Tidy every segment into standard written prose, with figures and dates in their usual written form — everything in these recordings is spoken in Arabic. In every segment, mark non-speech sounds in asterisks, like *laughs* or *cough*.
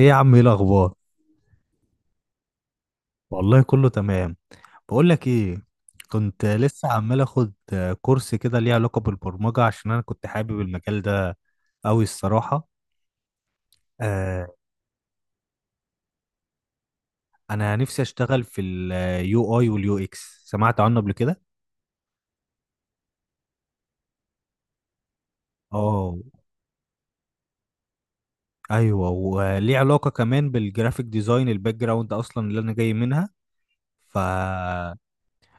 ايه يا عم، ايه الاخبار؟ والله كله تمام. بقول لك ايه، كنت لسه عمال اخد كورس كده ليه علاقه بالبرمجه عشان انا كنت حابب المجال ده قوي الصراحه. آه. انا نفسي اشتغل في اليو اي واليو اكس، سمعت عنه قبل كده؟ اه، ايوه، وليه علاقه كمان بالجرافيك ديزاين، الباك جراوند اصلا اللي انا جاي منها. ف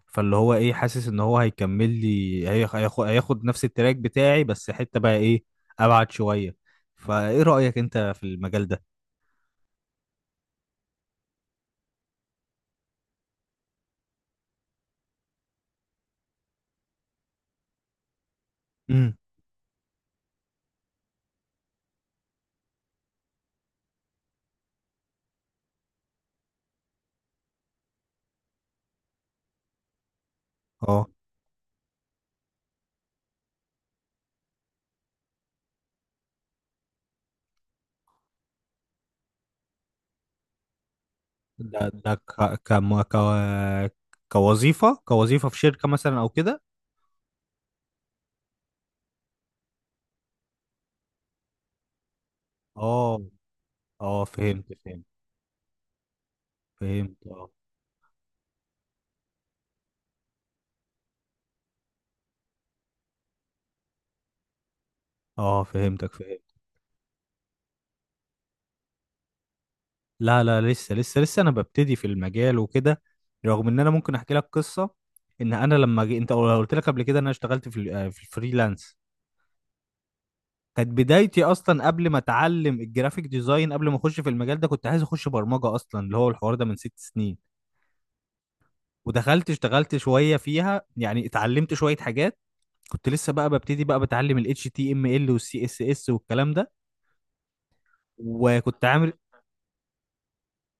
فاللي هو ايه، حاسس ان هو هيكمل لي هياخد نفس التراك بتاعي، بس حتة بقى ايه، ابعد شوية. فايه رأيك انت في المجال ده؟ امم. اه، ده ده كوظيفة في شركة مثلا او كده؟ اه، اه، فهمت، فهمت، فهمت. اه، اه، فهمتك، فهمت. لا، لا، لسه انا ببتدي في المجال وكده. رغم ان انا ممكن احكي لك قصة. ان انا انت قلت لك قبل كده إن انا اشتغلت في ال- آه، في الفريلانس. كانت بدايتي اصلا قبل ما اتعلم الجرافيك ديزاين، قبل ما اخش في المجال ده كنت عايز اخش برمجه اصلا، اللي هو الحوار ده من 6 سنين. ودخلت اشتغلت شويه فيها، يعني اتعلمت شويه حاجات. كنت لسه بقى ببتدي، بقى بتعلم ال HTML وال CSS والكلام ده. وكنت عامل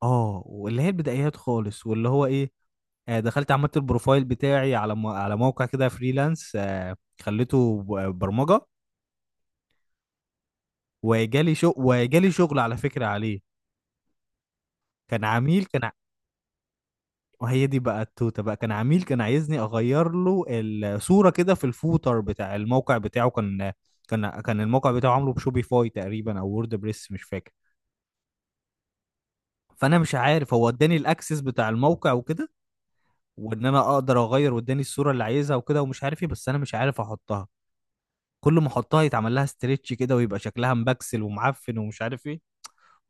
اه، واللي هي البدايات خالص، واللي هو ايه، دخلت عملت البروفايل بتاعي على على موقع كده فريلانس، خليته برمجه. وجالي شغل، على فكره عليه. كان عميل كان. وهي دي بقى التوته، بقى كان عميل كان عايزني اغير له الصوره كده في الفوتر بتاع الموقع بتاعه كان. كان الموقع بتاعه عامله بشوبيفاي تقريبا او وورد بريس، مش فاكر. فانا مش عارف، هو اداني الاكسس بتاع الموقع وكده، وان انا اقدر اغير، واداني الصوره اللي عايزها وكده، ومش عارف ايه، بس انا مش عارف احطها. كل ما احطها يتعمل لها ستريتش كده، ويبقى شكلها مبكسل ومعفن ومش عارف ايه.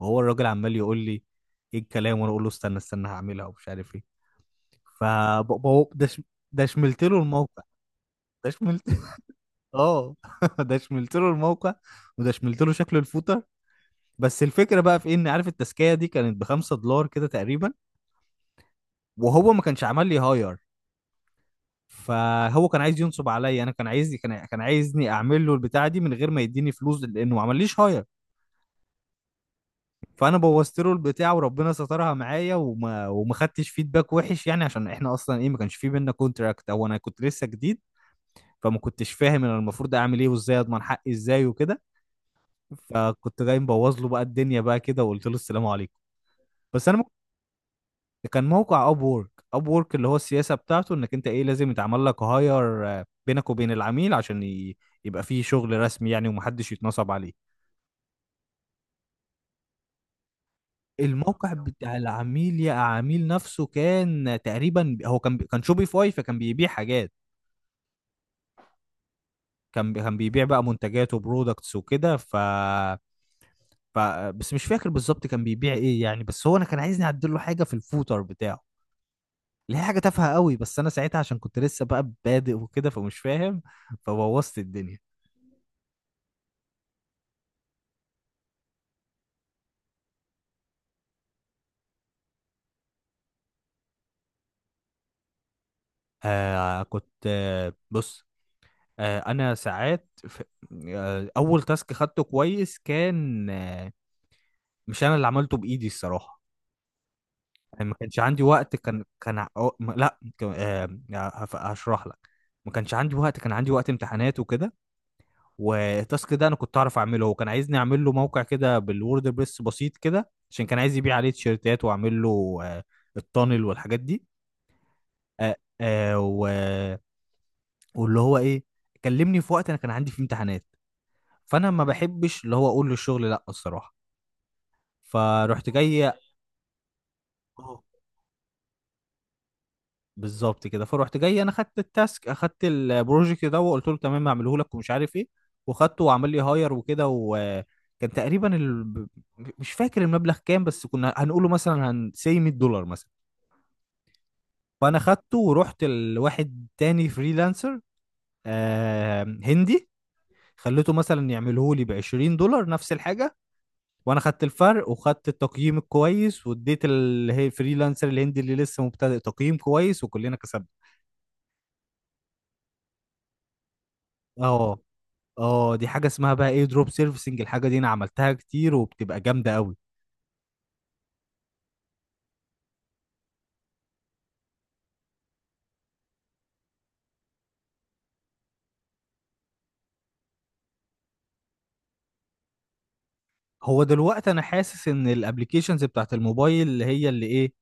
وهو الراجل عمال يقول لي ايه الكلام، وانا اقول له استنى استنى، هعملها ومش عارف ايه. ف ده ده شملت له الموقع. ده اه *laughs* ده شملت له الموقع. وده شملت له شكل الفوطه. بس الفكره بقى في ان، عارف، التسكيه دي كانت ب $5 كده تقريبا. وهو ما كانش عمل لي هاير. فهو كان عايز ينصب عليا، انا كان عايز، كان عايزني اعمل له البتاعه دي من غير ما يديني فلوس، لانه ما عمليش هاير. فانا بوظت له البتاعه، وربنا سترها معايا، وما خدتش فيدباك وحش يعني، عشان احنا اصلا ايه، ما كانش في بينا كونتراكت، او انا كنت لسه جديد. فما كنتش فاهم انا المفروض اعمل ايه، وازاي اضمن حقي ازاي وكده. فكنت جاي مبوظ له بقى الدنيا بقى كده، وقلت له السلام عليكم. بس انا مك- كان موقع اب وورك. اب وورك اللي هو السياسه بتاعته انك انت ايه لازم يتعمل لك هاير بينك وبين العميل عشان يبقى فيه شغل رسمي يعني، ومحدش يتنصب عليه. الموقع بتاع العميل، يا عميل نفسه كان تقريبا، هو كان كان شوبيفاي، فكان بيبيع حاجات. كان كان بيبيع بقى منتجات وبرودكتس وكده. ف ف بس مش فاكر بالظبط كان بيبيع ايه يعني. بس هو انا كان عايزني اعدل له حاجه في الفوتر بتاعه، اللي هي حاجه تافهه قوي، بس انا ساعتها عشان كنت لسه بقى بادئ وكده فمش فاهم. فبوظت الدنيا. كنت بص، انا ساعات في، اول تاسك خدته كويس كان مش انا اللي عملته بايدي الصراحه. يعني ما كانش عندي وقت، كان كان أو- م- لا كان- آه هشرح لك. ما كانش عندي وقت، كان عندي وقت امتحانات وكده. والتاسك ده انا كنت اعرف اعمله، هو كان عايزني اعمل له موقع كده بالووردبريس بسيط كده، عشان كان عايز يبيع عليه تيشيرتات، واعمل له التانل والحاجات دي. آه، آه، و- واللي هو ايه، كلمني في وقت انا كان عندي فيه امتحانات. فانا ما بحبش اللي هو اقول له الشغل لا، الصراحه. فرحت جاي، بالظبط كده. فروحت جاي انا، خدت التاسك، اخدت البروجكت ده، وقلت له تمام، هعمله لك ومش عارف ايه. وخدته وعمل لي هاير وكده. وكان تقريبا ال... مش فاكر المبلغ كام، بس كنا هنقوله مثلا هن say $100 مثلا. فانا خدته ورحت لواحد تاني فريلانسر، آه هندي، خليته مثلا يعمله لي ب $20، نفس الحاجه. وانا خدت الفرق وخدت التقييم الكويس، واديت الفريلانسر الهندي اللي لسه مبتدئ تقييم كويس، وكلنا كسبنا. اه، اه، دي حاجه اسمها بقى ايه، دروب سيرفيسنج، الحاجه دي انا عملتها كتير وبتبقى جامده قوي. هو دلوقتي انا حاسس ان الابلكيشنز بتاعت الموبايل، اللي هي اللي ايه،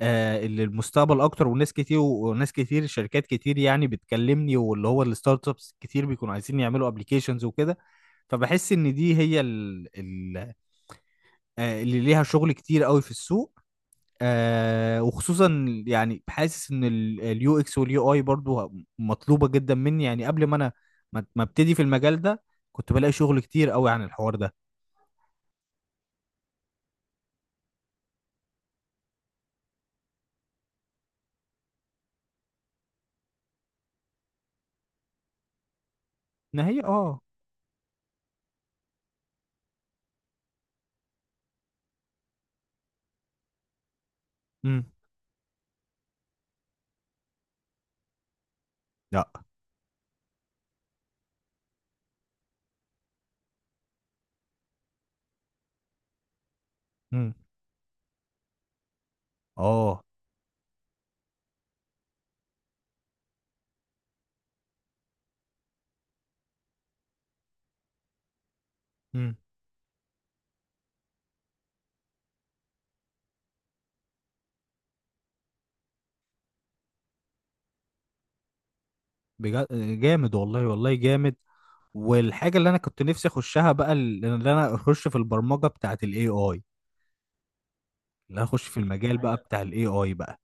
آه، اللي المستقبل اكتر. وناس كتير، وناس كتير، شركات كتير يعني بتكلمني، واللي هو الستارت ابس كتير بيكونوا عايزين يعملوا ابلكيشنز وكده. فبحس ان دي هي ال ال آه، اللي ليها شغل كتير قوي في السوق. آه، وخصوصا يعني حاسس ان اليو اكس واليو اي برضو مطلوبه جدا مني، يعني قبل ما انا ما ابتدي في المجال ده كنت بلاقي شغل كتير قوي عن الحوار ده. ان هي اه، امم، لا، امم، اه، امم. بجد، آه، جامد، والله والله جامد. والحاجه اللي انا كنت نفسي اخشها بقى اللي انا اخش في البرمجه بتاعه الاي اي. اللي أنا اخش في المجال بقى بتاع الاي اي بقى.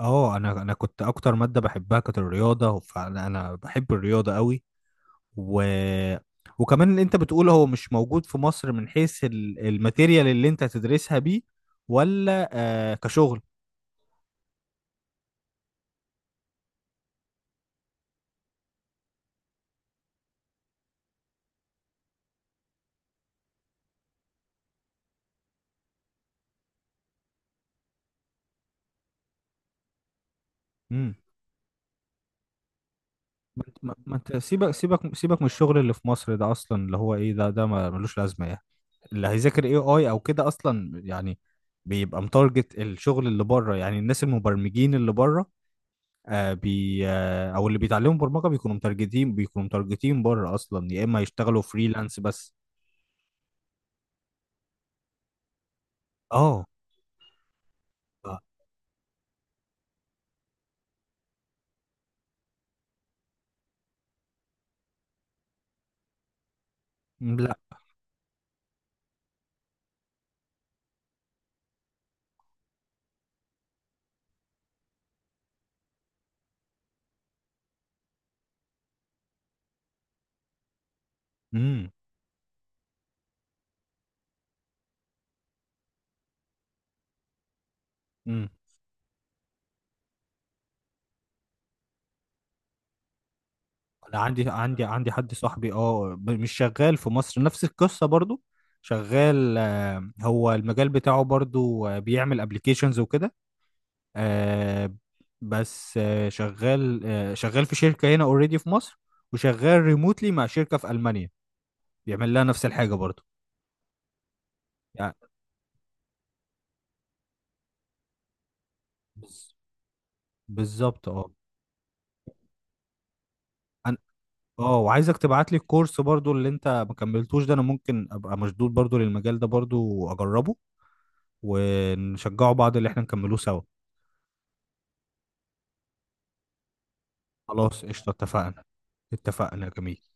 اه، انا كنت اكتر ماده بحبها كانت الرياضه، فانا بحب الرياضه قوي. و... وكمان اللي انت بتقوله هو مش موجود في مصر، من حيث الماتيريال اللي انت تدرسها بيه، ولا آه كشغل. امم. ما انت ما انت سيبك، سيبك من الشغل اللي في مصر ده اصلا. اللي هو ايه، ده ده ما- ملوش لازمه يعني. اللي هيذاكر اي اي او كده اصلا يعني بيبقى متارجت الشغل اللي بره، يعني الناس المبرمجين اللي بره، آه، بي آه، او اللي بيتعلموا برمجه بيكونوا متارجتين، بيكونوا متارجتين بره اصلا، يا اما يشتغلوا فريلانس بس. اه. ف- لا. مم. امم. انا عندي، عندي حد صاحبي اه، مش شغال في مصر، نفس القصه برضو. شغال، آه، هو المجال بتاعه برضو آه، بيعمل ابلكيشنز وكده. آه، بس آه، شغال، آه، شغال في شركه هنا اوريدي في مصر، وشغال ريموتلي مع شركه في المانيا، بيعمل لها نفس الحاجه برضو يعني. بز- بالظبط اه. أنا- اه، وعايزك تبعت لي الكورس برضو اللي انت ما كملتوش ده، انا ممكن ابقى مشدود برضو للمجال ده برضو واجربه، ونشجعوا بعض، اللي احنا نكملوه سوا. خلاص قشطة، اتفقنا، اتفقنا، جميل.